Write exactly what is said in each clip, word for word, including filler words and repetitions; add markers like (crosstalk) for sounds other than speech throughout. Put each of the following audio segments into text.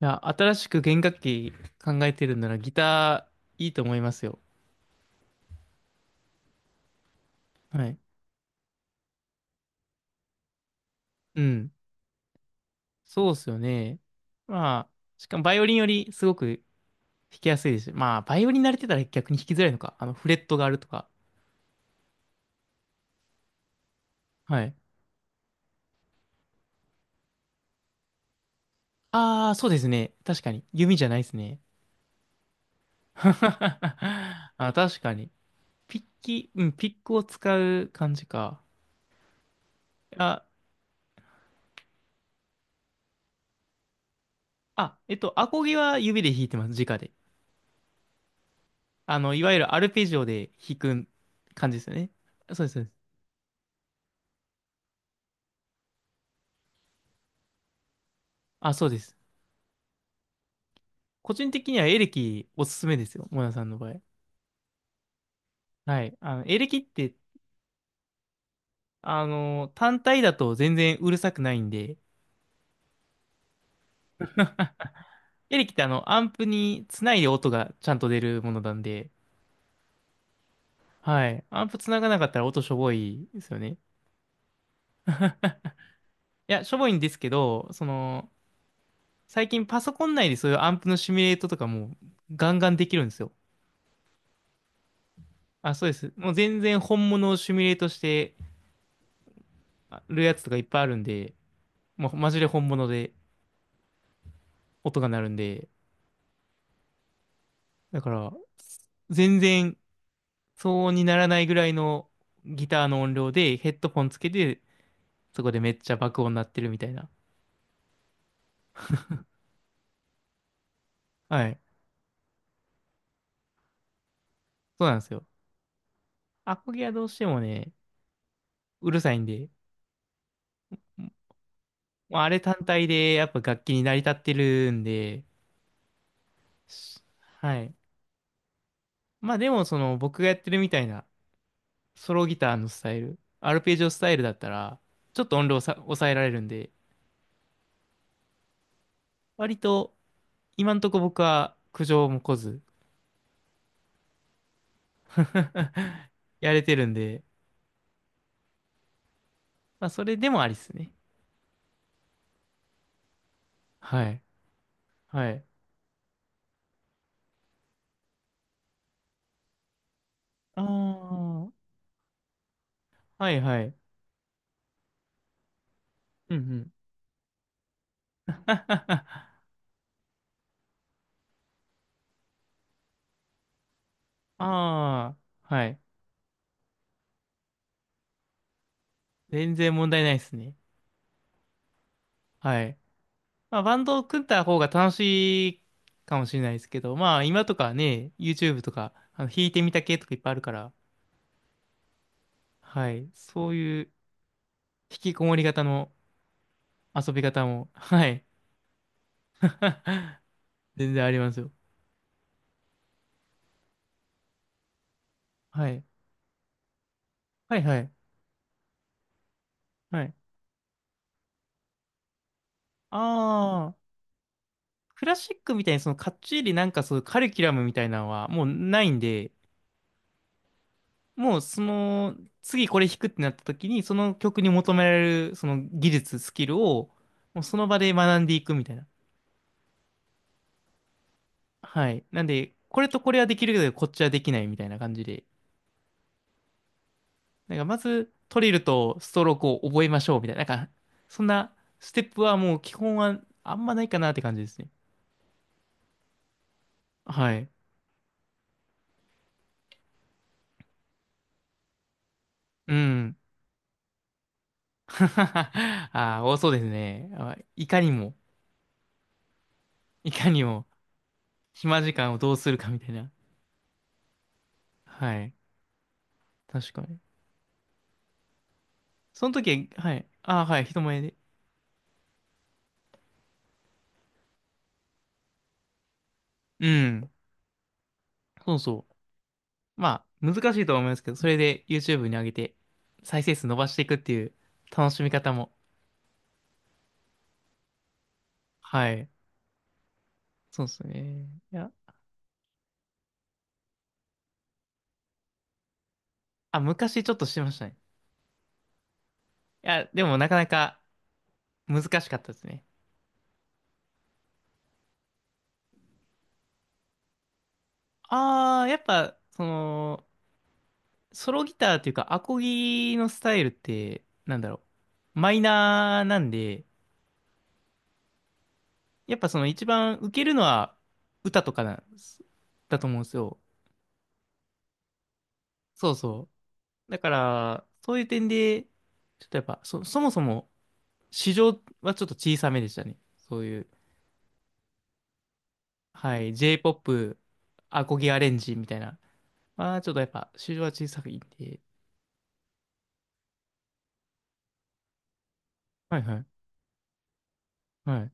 いや、新しく弦楽器考えてるんならギターいいと思いますよ。はい。うん。そうっすよね。まあ、しかもバイオリンよりすごく弾きやすいですし。まあ、バイオリン慣れてたら逆に弾きづらいのか。あの、フレットがあるとか。はい。ああ、そうですね。確かに。弓じゃないですね。(laughs) あ、確かに。ピッキ、うん、ピックを使う感じか。あ、あ、えっと、アコギは指で弾いてます。直で。あの、いわゆるアルペジオで弾く感じですよね。そうです。そうです。あ、そうです。個人的にはエレキおすすめですよ。モナさんの場合。はい。あの、エレキって、あの、単体だと全然うるさくないんで、エレキってあの、アンプにつないで音がちゃんと出るものなんで、はい。アンプつながなかったら音しょぼいですよね。いや、しょぼいんですけど、その、最近パソコン内でそういうアンプのシミュレートとかもガンガンできるんですよ。あ、そうです。もう全然本物をシミュレートしてるやつとかいっぱいあるんで、もうマジで本物で音が鳴るんで、だから、全然騒音にならないぐらいのギターの音量でヘッドフォンつけて、そこでめっちゃ爆音鳴ってるみたいな。はい。そうなんですよ。アコギはどうしてもね、うるさいんで、まああれ単体でやっぱ楽器に成り立ってるんで、しはい。まあでもその僕がやってるみたいなソロギターのスタイル、アルペジオスタイルだったら、ちょっと音量さ抑えられるんで、割と今んとこ僕は苦情も来ず (laughs) やれてるんで、まあ、それでもありっすね。はい。はい。ああ、はいはい。うんうん。(laughs) ああ、はい。全然問題ないですね。はい。まあ、バンドを組んだ方が楽しいかもしれないですけど、まあ、今とかね、YouTube とか、あの、弾いてみた系とかいっぱいあるから、はい。そういう引きこもり型の遊び方も、はい。全然ありますよ。はい。はいはい。はい。ああ、クラシックみたいにそのかっちりなんかそういうカリキュラムみたいなのはもうないんで、もうその次これ弾くってなった時にその曲に求められるその技術、スキルをもうその場で学んでいくみたいな。はい。なんで、これとこれはできるけどこっちはできないみたいな感じで。なんかまずトリルとストロークを覚えましょうみたいな。なんかそんなステップはもう基本はあんまないかなって感じですね。はい。うん。(laughs) ああ、多そうですね。あいかにも、いかにも。暇時間をどうするかみたいな。はい。確かに。その時は、はい。ああ、はい。人前で。うん。そうそう。まあ、難しいとは思いますけど、それで YouTube に上げて、再生数伸ばしていくっていう楽しみ方も。はい。そうですね。いや、あ、昔ちょっとしてましたね。いや、でもなかなか難しかったですね。ああ、やっぱ、その、ソロギターというか、アコギのスタイルって、なんだろう。マイナーなんで、やっぱその一番受けるのは歌とかなんですだと思うんですよ。そうそう。だから、そういう点で、ちょっとやっぱ、そ、そもそも市場はちょっと小さめでしたね。そういう、はい、J-ピーオーピー、アコギアレンジみたいな。まあ、ちょっとやっぱ市場は小さくいんで。はいはい。はい。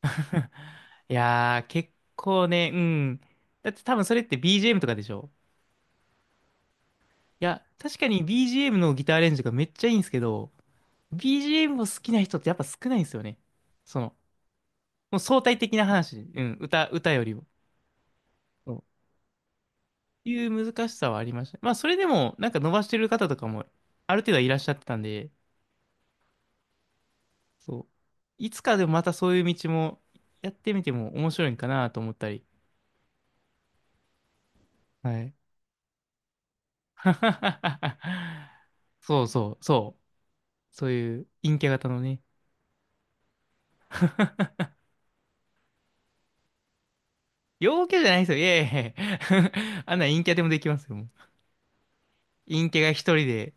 (laughs) いやー、結構ね、うん。だって多分それって ビージーエム とかでしょ。いや、確かに ビージーエム のギターアレンジがめっちゃいいんですけど、ビージーエム も好きな人ってやっぱ少ないんですよね。その、もう相対的な話、うん、歌、歌よりも。そういう難しさはありました。まあ、それでも、なんか伸ばしてる方とかも、ある程度はいらっしゃってたんで、そう。いつかでもまたそういう道も、やってみても面白いんかなと思ったり。はい。(laughs) そうそう、そう。そういう陰キャ型のね。陽キャじゃないですよ。いやいやいや (laughs) あんな陰キャでもできますよ。もう陰キャが一人で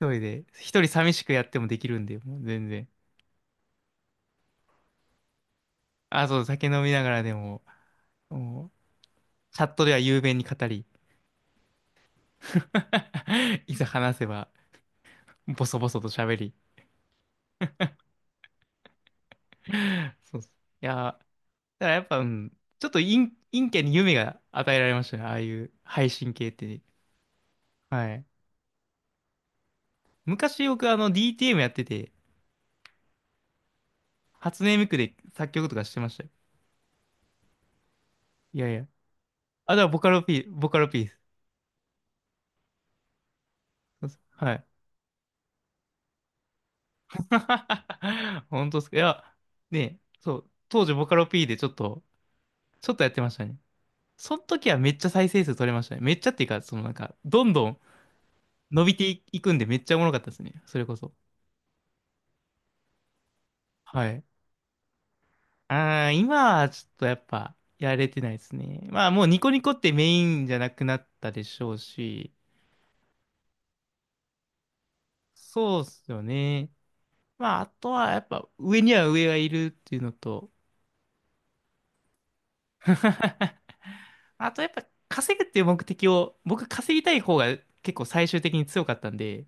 一人で、一人寂しくやってもできるんで、もう全然。あ、そう、酒飲みながらでも、もう、チャットでは雄弁に語り、(laughs) いざ話せば、ボソボソと喋り。そうそう。いや、だからやっぱ、うん、ちょっと陰、陰キャに夢が与えられましたね、ああいう配信系って。はい。昔僕、あの、ディーティーエム やってて、初音ミクで作曲とかしてましたよ。いやいや。あ、だからボカロ P、ボカロ P です。そうそう、はい。(laughs) 本当ですか。いや、ね、そう、当時ボカロ P でちょっと、ちょっとやってましたね。その時はめっちゃ再生数取れましたね。めっちゃっていうか、そのなんか、どんどん伸びていくんでめっちゃおもろかったですね。それこそ。はい。ああ、今はちょっとやっぱ、やれてないですね。まあもうニコニコってメインじゃなくなったでしょうし、そうっすよね。まああとはやっぱ、上には上がいるっていうのと、(laughs) あとやっぱ稼ぐっていう目的を、僕稼ぎたい方が結構最終的に強かったんで、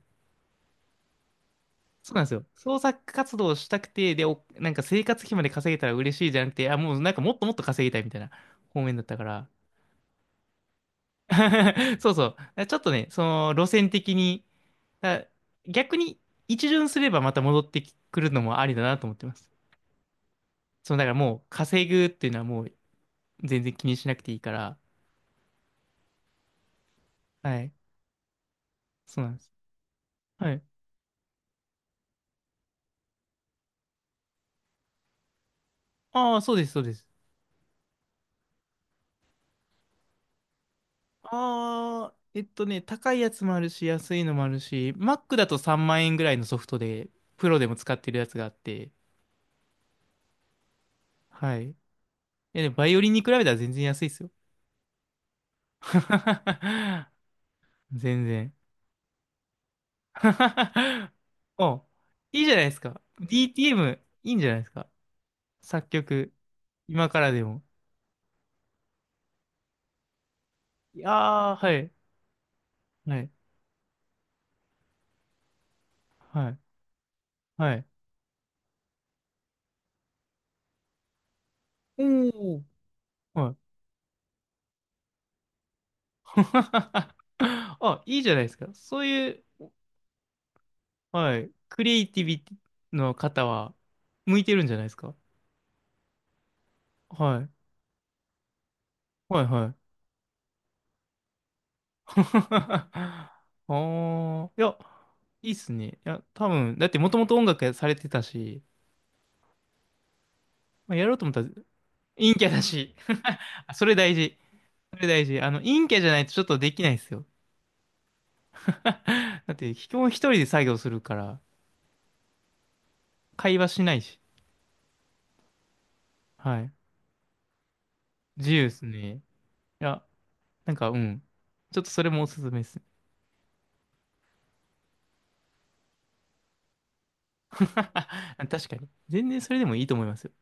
そうなんですよ。創作活動をしたくて、で、おなんか生活費まで稼げたら嬉しいじゃなくて、あ、もうなんかもっともっと稼ぎたいみたいな方面だったから。(laughs) そうそう。ちょっとね、その路線的に、だ逆に一巡すればまた戻ってくるのもありだなと思ってます。そう、だからもう稼ぐっていうのはもう全然気にしなくていいから、はい。そうなんです。はい。ああ、そうです、そうです。ああ、えっとね、高いやつもあるし、安いのもあるし、Mac だとさんまん円ぐらいのソフトで、プロでも使ってるやつがあって、はい。いや、でもバイオリンに比べたら全然安いですよ。(laughs) 全然。(laughs) お、いいじゃないですか。ディーティーエム、いいんじゃないですか。作曲、今からでも。いやー、はい、はい、はい、はい。おー、はい。(laughs) あ、いいじゃないですか。そういう、はい。クリエイティビティの方は、向いてるんじゃないですか。はい。はい、はい。(laughs) ああ、いや、いいっすね。いや、多分、だってもともと音楽されてたし、まあ、やろうと思ったら、陰キャだし、あ、それ大事。それ大事。あの、陰キャじゃないとちょっとできないですよ。(laughs) だって、基本一人で作業するから、会話しないし。はい。自由ですね。いや、なんか、うん。ちょっとそれもおすすめです。(laughs) 確かに。全然それでもいいと思いますよ。